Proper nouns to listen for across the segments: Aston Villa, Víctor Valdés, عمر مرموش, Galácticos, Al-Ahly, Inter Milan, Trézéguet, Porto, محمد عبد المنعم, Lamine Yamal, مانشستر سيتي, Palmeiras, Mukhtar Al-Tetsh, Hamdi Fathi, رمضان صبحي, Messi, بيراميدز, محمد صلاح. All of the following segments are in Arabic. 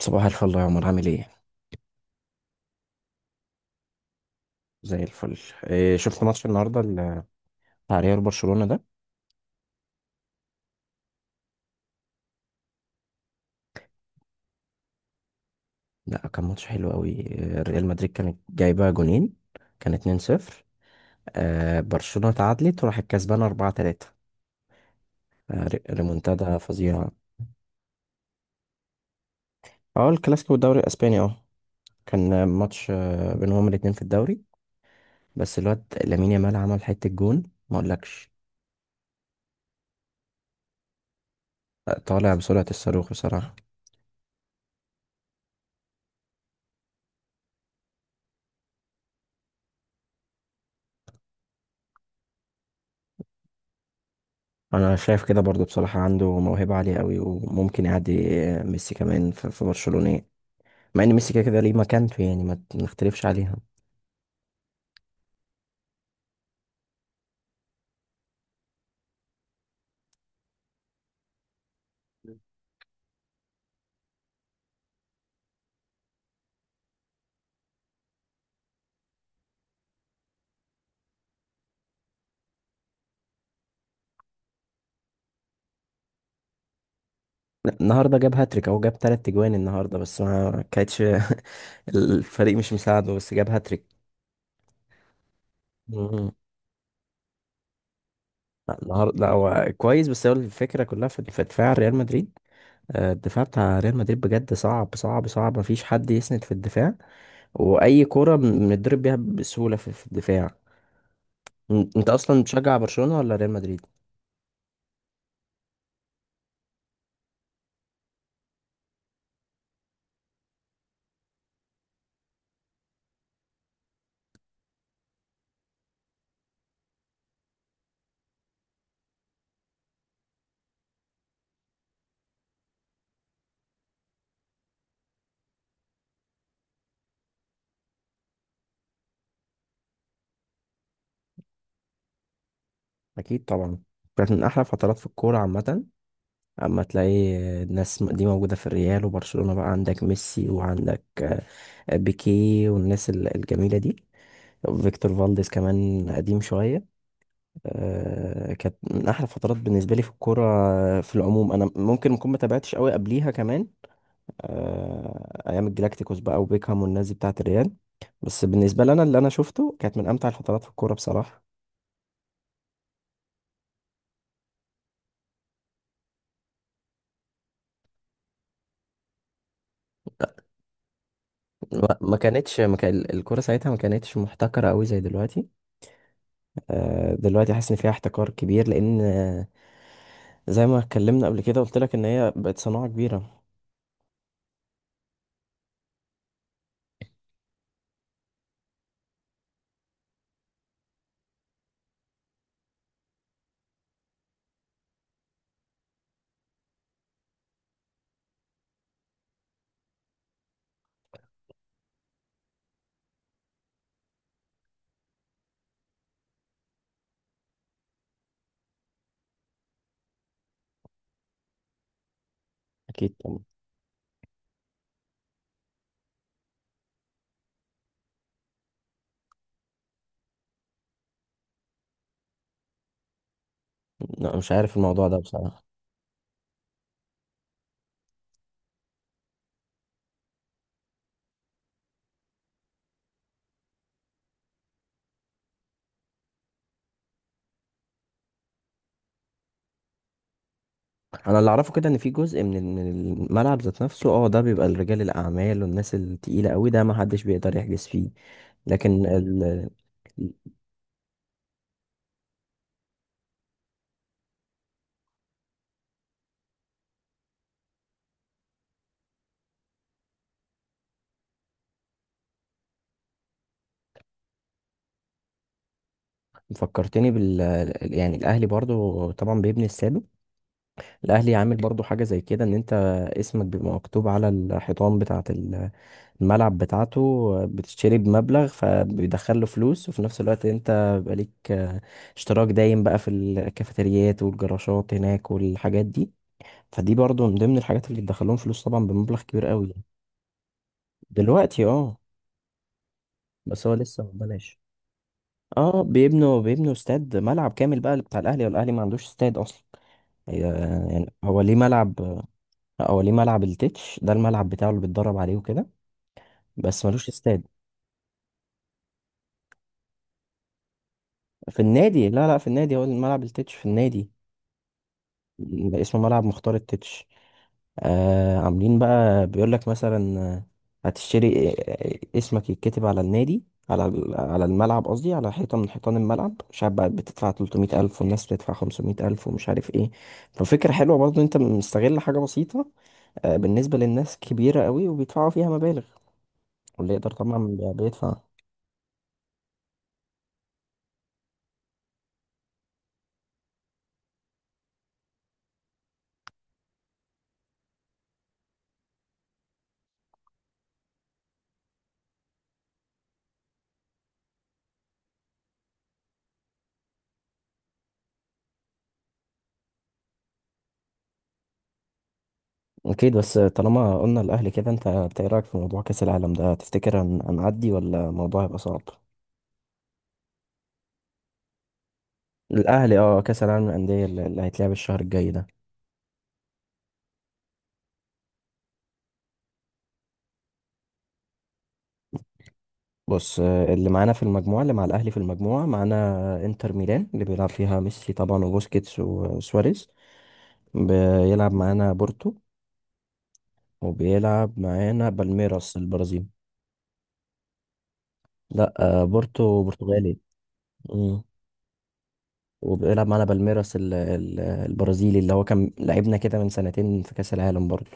صباح الفل يا عمر، عامل ايه؟ زي الفل. إيه، شفت ماتش النهارده بتاع ريال برشلونة ده؟ لا، كان ماتش حلو قوي، إيه، ريال مدريد كانت جايبه جونين، كان 2-0، آه برشلونة تعادلت وراحت كسبانه 4-3. آه، ريمونتادا فظيعه. اه الكلاسيكو والدوري الاسباني، اه كان ماتش، آه، بينهم الاتنين في الدوري. بس الواد لامين يامال عمل حته جون، ما اقولكش. آه، طالع بسرعه الصاروخ بصراحه. انا شايف كده برضو بصراحة، عنده موهبة عالية قوي وممكن يعدي، آه، ميسي كمان في برشلونة يعني. مع ان ميسي كده كده ليه مكانته يعني، ما نختلفش عليها. النهارده جاب هاتريك او جاب تلات اجوان النهارده، بس ما كانتش الفريق مش مساعده، بس جاب هاتريك. مم. لا النهارده، لا هو كويس، بس هو الفكرة كلها في دفاع ريال مدريد. آه، الدفاع بتاع ريال مدريد بجد صعب صعب صعب، مفيش حد يسند في الدفاع، واي كرة بنضرب بيها بسهولة في الدفاع. انت اصلا بتشجع برشلونة ولا ريال مدريد؟ اكيد طبعا. كانت من احلى فترات في الكوره عامه. اما تلاقي الناس دي موجوده في الريال وبرشلونه، بقى عندك ميسي وعندك، آه، بيكي والناس الجميله دي، فيكتور فالديز كمان قديم شويه. آه، كانت من احلى فترات بالنسبه لي في الكوره. آه، في العموم انا ممكن اكون ما تابعتش قوي قبليها كمان. آه، ايام الجلاكتيكوس بقى وبيكهام والناس دي بتاعه الريال. بس بالنسبه لنا اللي انا شفته، كانت من امتع الفترات في الكوره بصراحه. ما كان الكوره ساعتها ما كانتش محتكره قوي زي دلوقتي. آه، دلوقتي حاسس ان فيها احتكار كبير، لان، آه، زي ما اتكلمنا قبل كده قلت لك ان هي بقت صناعه كبيره. اكيد طبعا. لا، مش عارف الموضوع ده بصراحه. انا اللي اعرفه كده ان في جزء من من الملعب ذات نفسه، اه ده بيبقى لرجال الاعمال والناس التقيله قوي، ده ما حدش بيقدر يحجز فيه. لكن ال... فكرتني بال، يعني الاهلي برضو طبعا بيبني استاده. الاهلي عامل برضو حاجه زي كده، ان انت اسمك بيبقى مكتوب على الحيطان بتاعه الملعب بتاعته. بتشتري بمبلغ فبيدخل له فلوس، وفي نفس الوقت انت بيبقى ليك، آه، اشتراك دايم بقى في الكافيتريات والجراشات هناك والحاجات دي. فدي برضو من ضمن الحاجات اللي بتدخلهم فلوس طبعا، بمبلغ كبير قوي. دلوقتي اه، بس هو لسه مبلاش. اه، بيبنوا استاد، ملعب كامل بقى بتاع الاهلي، والاهلي ما عندوش استاد اصلا. هي- يعني هو ليه ملعب. لا، هو ليه ملعب التتش، ده الملعب بتاعه اللي بيتدرب عليه وكده، بس ملوش استاد. في النادي، لا لا، في النادي، هو الملعب التتش في النادي. اسمه ملعب مختار التتش. آه عاملين بقى بيقول لك مثلا، آه، هتشتري، آه، آه، اسمك يتكتب على النادي، على على الملعب قصدي، على حيطة من حيطان الملعب، مش عارف بقى بتدفع 300 ألف والناس بتدفع 500 ألف ومش عارف ايه. ففكرة حلوة برضه، انت مستغل حاجة بسيطة، آه، بالنسبة للناس كبيرة قوي وبيدفعوا فيها مبالغ، واللي يقدر طبعا بيدفع. اكيد، بس طالما قلنا الاهلي كده، إنت ايه رايك في موضوع كاس العالم ده؟ تفتكر هنعدي ولا الموضوع هيبقى صعب؟ الاهلي، اه كاس العالم للانديه اللي هيتلعب الشهر الجاي ده. بص، آه، اللي معانا في المجموعه، اللي مع الاهلي في المجموعه، معانا انتر ميلان اللي بيلعب فيها ميسي طبعا وبوسكيتس وسواريز، بيلعب معانا بورتو، وبيلعب معانا بالميراس البرازيل. لا، آه، بورتو برتغالي. مم. وبيلعب معانا بالميراس البرازيلي، اللي هو كان لعبنا كده من سنتين في كاس العالم برضه.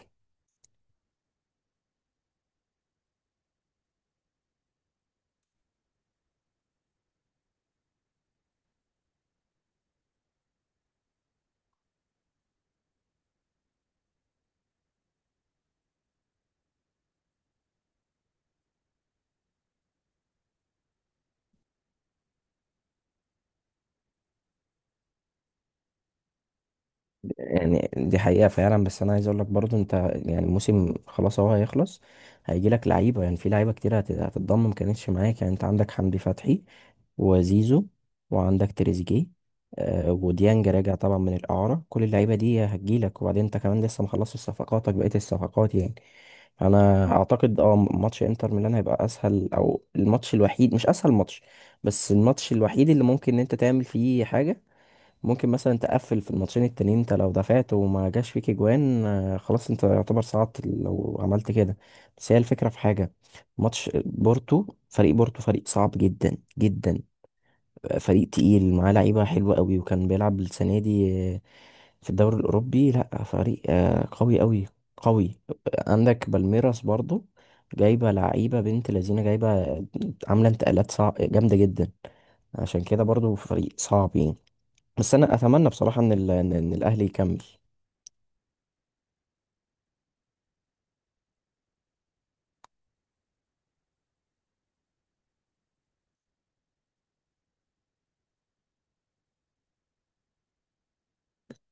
يعني دي حقيقة فعلا، بس أنا عايز أقول لك برضو أنت، يعني الموسم خلاص أهو هيخلص، هيجي لك لعيبة. يعني في لعيبة كتير هتتضم ما كانتش معاك، يعني أنت عندك حمدي فتحي وزيزو وعندك تريزيجيه، آه، وديانج راجع طبعا من الإعارة، كل اللعيبة دي هتجيلك. وبعدين أنت كمان لسه مخلصش صفقاتك، بقية الصفقات يعني. أنا أعتقد أه ماتش إنتر ميلان هيبقى أسهل، أو الماتش الوحيد، مش أسهل ماتش، بس الماتش الوحيد اللي ممكن إن أنت تعمل فيه حاجة. ممكن مثلا تقفل في الماتشين التانيين، انت لو دفعت وما جاش فيك اجوان، آه، خلاص انت يعتبر صعدت لو عملت كده. بس هي الفكرة في حاجة، ماتش بورتو، فريق بورتو فريق صعب جدا جدا، فريق تقيل، معاه لعيبة حلوة قوي، وكان بيلعب السنة دي، آه، في الدوري الأوروبي، لا فريق، آه، قوي قوي قوي. عندك بالميراس برضو، جايبة لعيبة بنت لذينة، جايبة، عاملة انتقالات صعب، جامدة جدا، عشان كده برضو فريق صعب يعني. بس انا اتمنى بصراحه ان ال... إن الاهلي يكمل.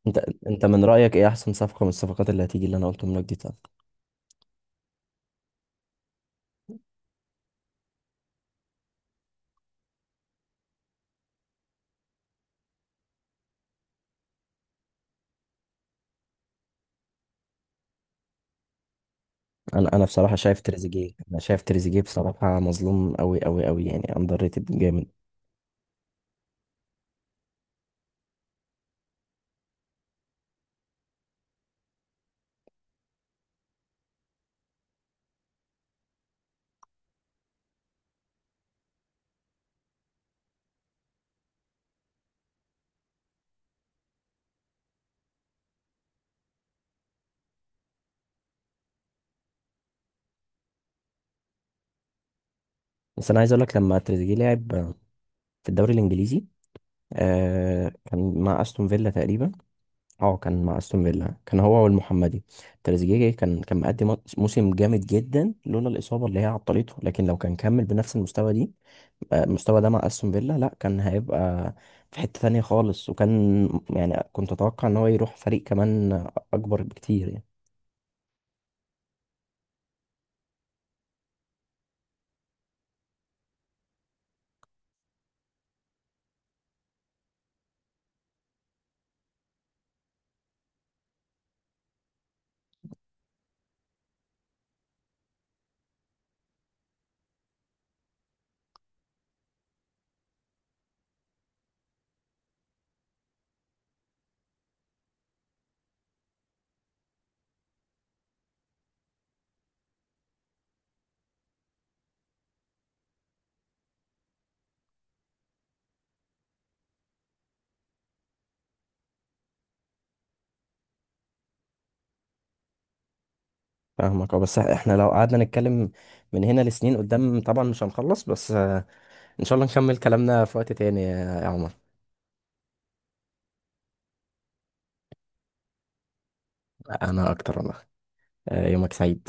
انت انت من رايك ايه احسن صفقه من الصفقات اللي هتيجي اللي انا قلتهم لك دي، طب؟ انا بصراحه شايف تريزيجيه، انا شايف تريزيجيه بصراحه مظلوم قوي قوي قوي، يعني اندر ريتد جامد. بس انا عايز اقول لك، لما تريزيجيه لعب في الدوري الانجليزي، آه كان مع استون فيلا تقريبا، اه كان مع استون فيلا، كان هو والمحمدي. تريزيجيه كان مقدم موسم جامد جدا، لولا الاصابه اللي هي عطلته، لكن لو كان كمل بنفس المستوى دي، المستوى ده مع استون فيلا، لا كان هيبقى في حتة تانية خالص، وكان، يعني كنت اتوقع ان هو يروح فريق كمان اكبر بكتير يعني. فاهمك اه، بس احنا لو قعدنا نتكلم من هنا لسنين قدام طبعا مش هنخلص، بس آه، ان شاء الله نكمل كلامنا في وقت تاني يا عمر. انا اكتر والله. آه، يومك سعيد.